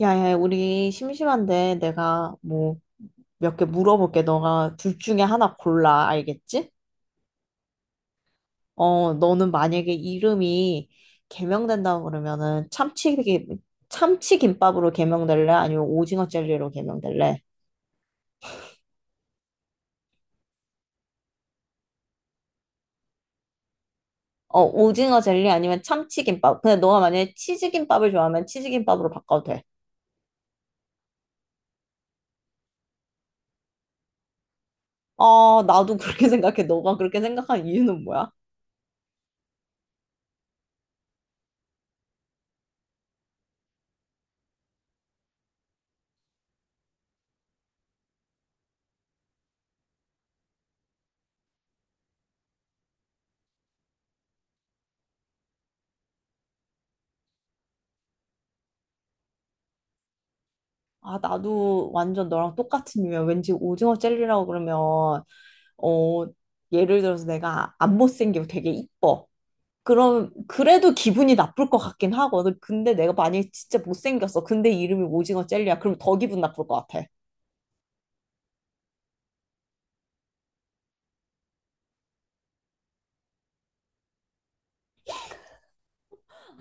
야, 야, 우리 심심한데 내가 뭐 몇 개 물어볼게. 너가 둘 중에 하나 골라. 알겠지? 어, 너는 만약에 이름이 개명된다고 그러면은 참치김밥으로 개명될래? 아니면 오징어 젤리로 개명될래? 어, 오징어 젤리 아니면 참치김밥. 근데 너가 만약에 치즈김밥을 좋아하면 치즈김밥으로 바꿔도 돼. 아, 나도 그렇게 생각해. 너가 그렇게 생각한 이유는 뭐야? 아, 나도 완전 너랑 똑같은 이유야. 왠지 오징어 젤리라고 그러면 어, 예를 들어서 내가 안 못생기고 되게 이뻐. 그럼 그래도 기분이 나쁠 것 같긴 하거든. 근데 내가 만약에 진짜 못생겼어. 근데 이름이 오징어 젤리야. 그럼 더 기분 나쁠 것 같아.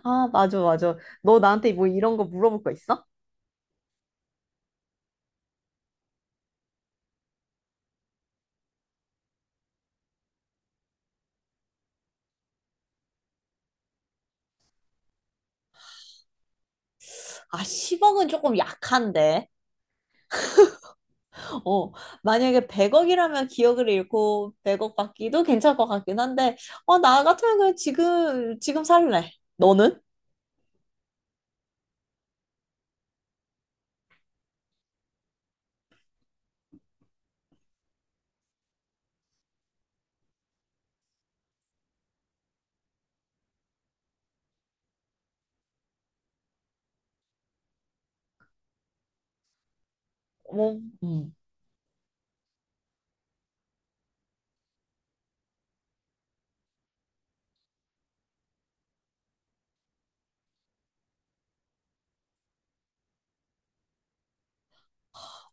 아, 맞아, 맞아. 너 나한테 뭐 이런 거 물어볼 거 있어? 아, 10억은 조금 약한데. 어, 만약에 100억이라면 기억을 잃고 100억 받기도 괜찮을 것 같긴 한데, 어, 나 같으면 그냥 지금 살래. 너는? 뭐, 음.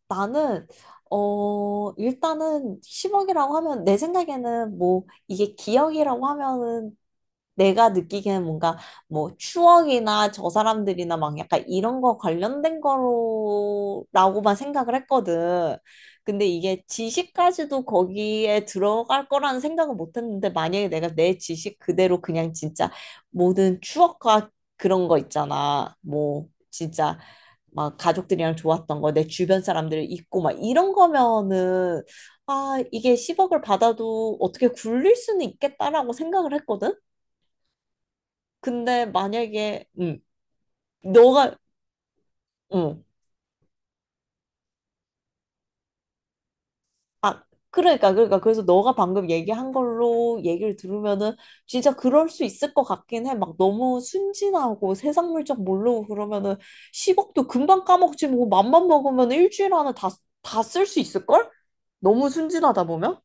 나는 어 일단은 10억이라고 하면 내 생각에는 뭐 이게 기억이라고 하면은 내가 느끼기에는 뭔가 뭐 추억이나 저 사람들이나 막 약간 이런 거 관련된 거로라고만 생각을 했거든. 근데 이게 지식까지도 거기에 들어갈 거라는 생각은 못 했는데 만약에 내가 내 지식 그대로 그냥 진짜 모든 추억과 그런 거 있잖아. 뭐 진짜 막 가족들이랑 좋았던 거, 내 주변 사람들 있고 막 이런 거면은 아, 이게 10억을 받아도 어떻게 굴릴 수는 있겠다라고 생각을 했거든. 근데 만약에 너가 음, 아, 그러니까 그래서 너가 방금 얘기한 걸로 얘기를 들으면은 진짜 그럴 수 있을 것 같긴 해. 막 너무 순진하고 세상 물정 모르고 그러면은 10억도 금방 까먹지 뭐 맘만 먹으면 일주일 안에 다 쓸 수 있을걸? 너무 순진하다 보면?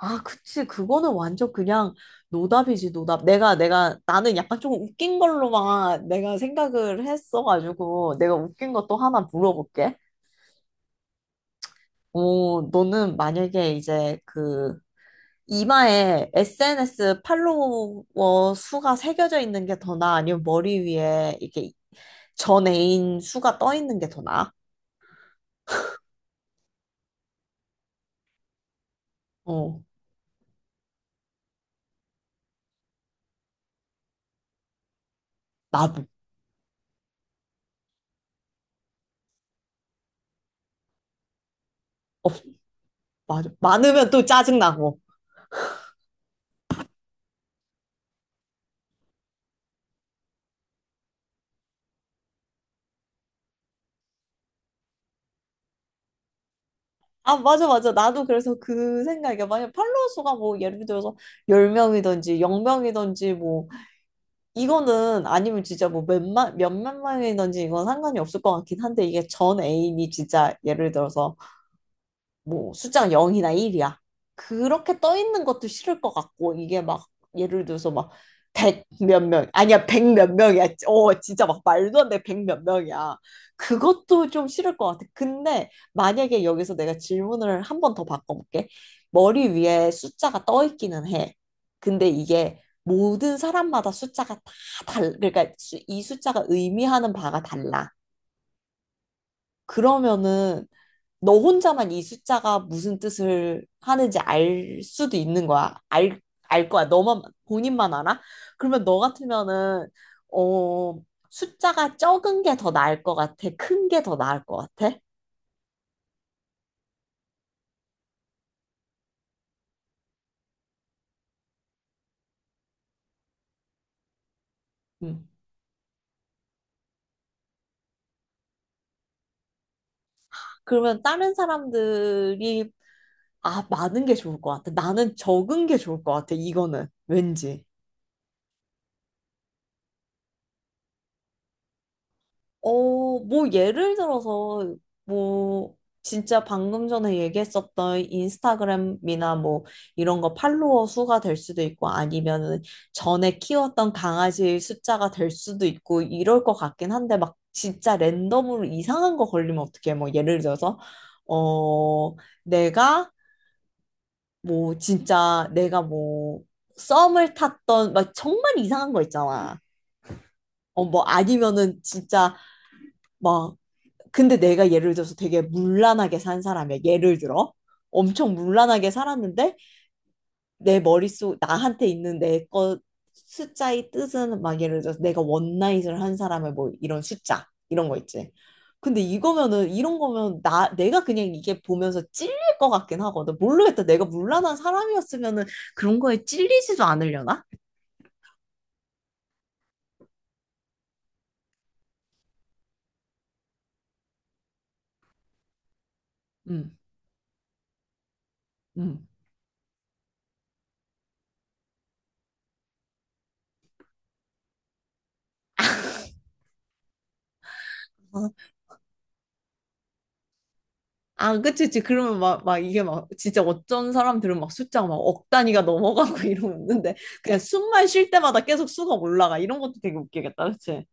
아, 그치. 그거는 완전 그냥 노답이지, 노답. 나는 약간 좀 웃긴 걸로만 내가 생각을 했어가지고, 내가 웃긴 것도 하나 물어볼게. 어, 너는 만약에 이제 그, 이마에 SNS 팔로워 수가 새겨져 있는 게 더 나아? 아니면 머리 위에 이렇게 전 애인 수가 떠 있는 게 더 나아? 어, 나도. 어, 맞아. 많으면 또 짜증나고. 아, 맞아, 맞아. 나도 그래서 그 생각이야. 만약 팔로워 수가 뭐 예를 들어서 10명이든지 0명이든지 뭐 이거는 아니면 진짜 뭐 몇만, 몇만 명이든지 이건 상관이 없을 것 같긴 한데 이게 전 애인이 진짜 예를 들어서 뭐 숫자가 0이나 1이야. 그렇게 떠 있는 것도 싫을 것 같고 이게 막 예를 들어서 막 백 몇 명, 아니야 백 몇 명이야. 어 진짜 막 말도 안 돼. 백 몇 명이야. 그것도 좀 싫을 것 같아. 근데 만약에 여기서 내가 질문을 한 번 더 바꿔볼게. 머리 위에 숫자가 떠 있기는 해. 근데 이게 모든 사람마다 숫자가 다 그러니까 이 숫자가 의미하는 바가 달라. 그러면은 너 혼자만 이 숫자가 무슨 뜻을 하는지 알 수도 있는 거야. 알 거야. 너만, 본인만 알아? 그러면 너 같으면은, 어, 숫자가 적은 게 더 나을 것 같아? 큰 게 더 나을 것 같아? 음. 그러면 다른 사람들이, 아, 많은 게 좋을 것 같아. 나는 적은 게 좋을 것 같아. 이거는. 왠지. 어, 뭐 예를 들어서 뭐 진짜 방금 전에 얘기했었던 인스타그램이나 뭐 이런 거 팔로워 수가 될 수도 있고 아니면은 전에 키웠던 강아지 숫자가 될 수도 있고 이럴 것 같긴 한데 막 진짜 랜덤으로 이상한 거 걸리면 어떡해. 뭐 예를 들어서 어, 내가 뭐 진짜 내가 뭐 썸을 탔던 막 정말 이상한 거 있잖아. 어, 뭐 아니면은 진짜 막 근데 내가 예를 들어서 되게 문란하게 산 사람이야. 예를 들어. 엄청 문란하게 살았는데 내 머릿속 나한테 있는 내 거 숫자의 뜻은 막 예를 들어서 내가 원나잇을 한 사람의 뭐 이런 숫자 이런 거 있지. 근데 이거면은 이런 거면 나 내가 그냥 이게 보면서 찔릴 것 같긴 하거든. 모르겠다. 내가 문란한 사람이었으면은 그런 거에 찔리지도 않으려나? 음, 음. 아, 아, 그치, 그치. 그러면 막, 막 이게 막 진짜 어쩐 사람들은 막 숫자가 막 억 단위가 넘어가고 이러는데 그냥 숨만 쉴 때마다 계속 수가 올라가. 이런 것도 되게 웃기겠다, 그치?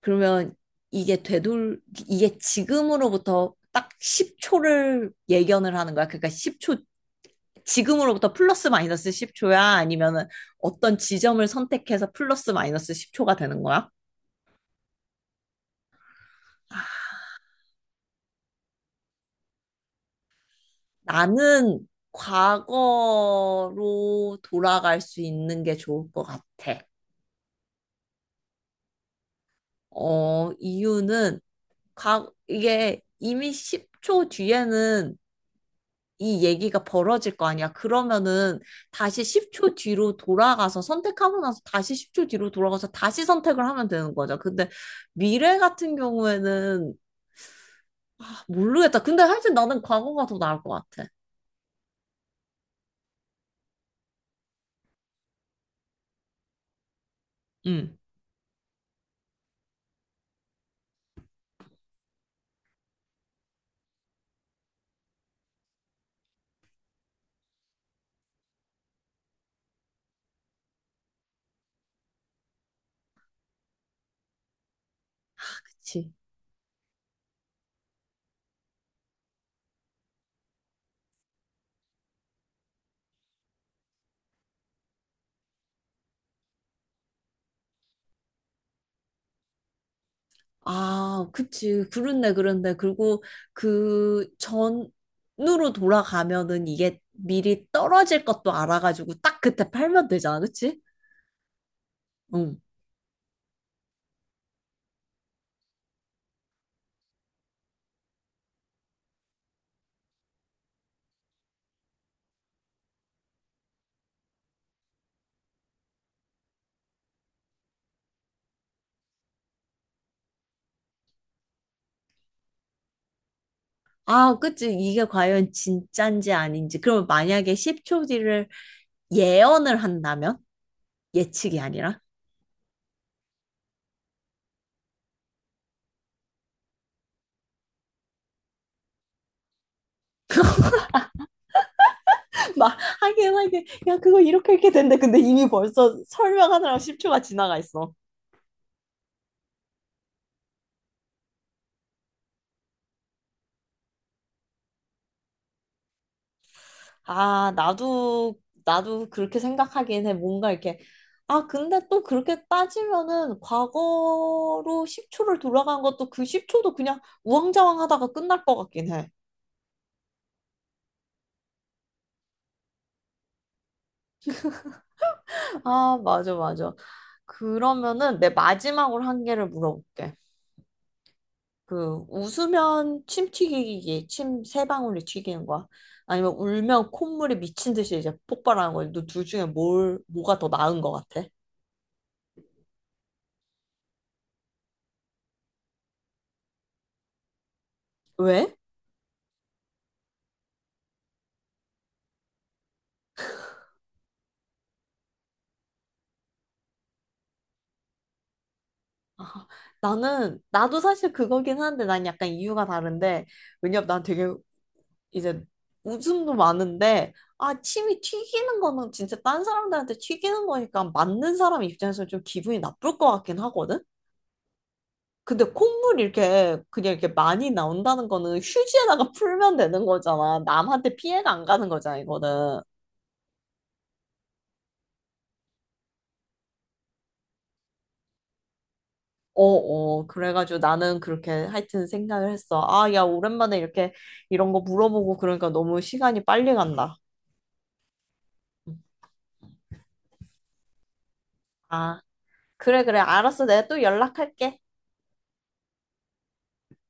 그러면 이게 되돌, 이게 지금으로부터 딱 10초를 예견을 하는 거야. 그러니까 10초, 지금으로부터 플러스 마이너스 10초야? 아니면은 어떤 지점을 선택해서 플러스 마이너스 10초가 되는 거야? 나는 과거로 돌아갈 수 있는 게 좋을 것 같아. 어, 이유는 각 이게 이미 10초 뒤에는 이 얘기가 벌어질 거 아니야. 그러면은 다시 10초 뒤로 돌아가서 선택하고 나서 다시 10초 뒤로 돌아가서 다시 선택을 하면 되는 거죠. 근데 미래 같은 경우에는 아, 모르겠다. 근데 하여튼 나는 과거가 더 나을 것 같아. 응, 그치. 아, 그치. 그렇네, 그렇네. 그리고 그 전으로 돌아가면은 이게 미리 떨어질 것도 알아가지고 딱 그때 팔면 되잖아, 그치? 응. 아, 그치. 이게 과연 진짠지 아닌지. 그러면 만약에 10초 뒤를 예언을 한다면? 예측이 아니라? 막 하긴 하긴 야 그거 이렇게 이렇게 된대 근데 이미 벌써 설명하느라 10초가 지나가 있어 아, 나도 그렇게 생각하긴 해. 뭔가 이렇게. 아, 근데 또 그렇게 따지면은 과거로 10초를 돌아간 것도 그 10초도 그냥 우왕좌왕 하다가 끝날 것 같긴 해. 아, 맞아, 맞아. 그러면은 내 마지막으로 한 개를 물어볼게. 그, 웃으면 침 튀기기, 침 세 방울이 튀기는 거야. 아니면 울면 콧물이 미친 듯이 이제 폭발하는 거야. 너둘 중에 뭘, 뭐가 더 나은 것 같아? 왜? 아, 나는, 나도 사실 그거긴 한데 난 약간 이유가 다른데, 왜냐면 난 되게 이제 웃음도 많은데, 아, 침이 튀기는 거는 진짜 딴 사람들한테 튀기는 거니까 맞는 사람 입장에서 좀 기분이 나쁠 것 같긴 하거든? 근데 콧물 이렇게 그냥 이렇게 많이 나온다는 거는 휴지에다가 풀면 되는 거잖아. 남한테 피해가 안 가는 거잖아, 이거는. 어어, 그래가지고 나는 그렇게 하여튼 생각을 했어. 아, 야, 오랜만에 이렇게 이런 거 물어보고 그러니까 너무 시간이 빨리 간다. 아, 그래, 그래. 알았어. 내가 또 연락할게.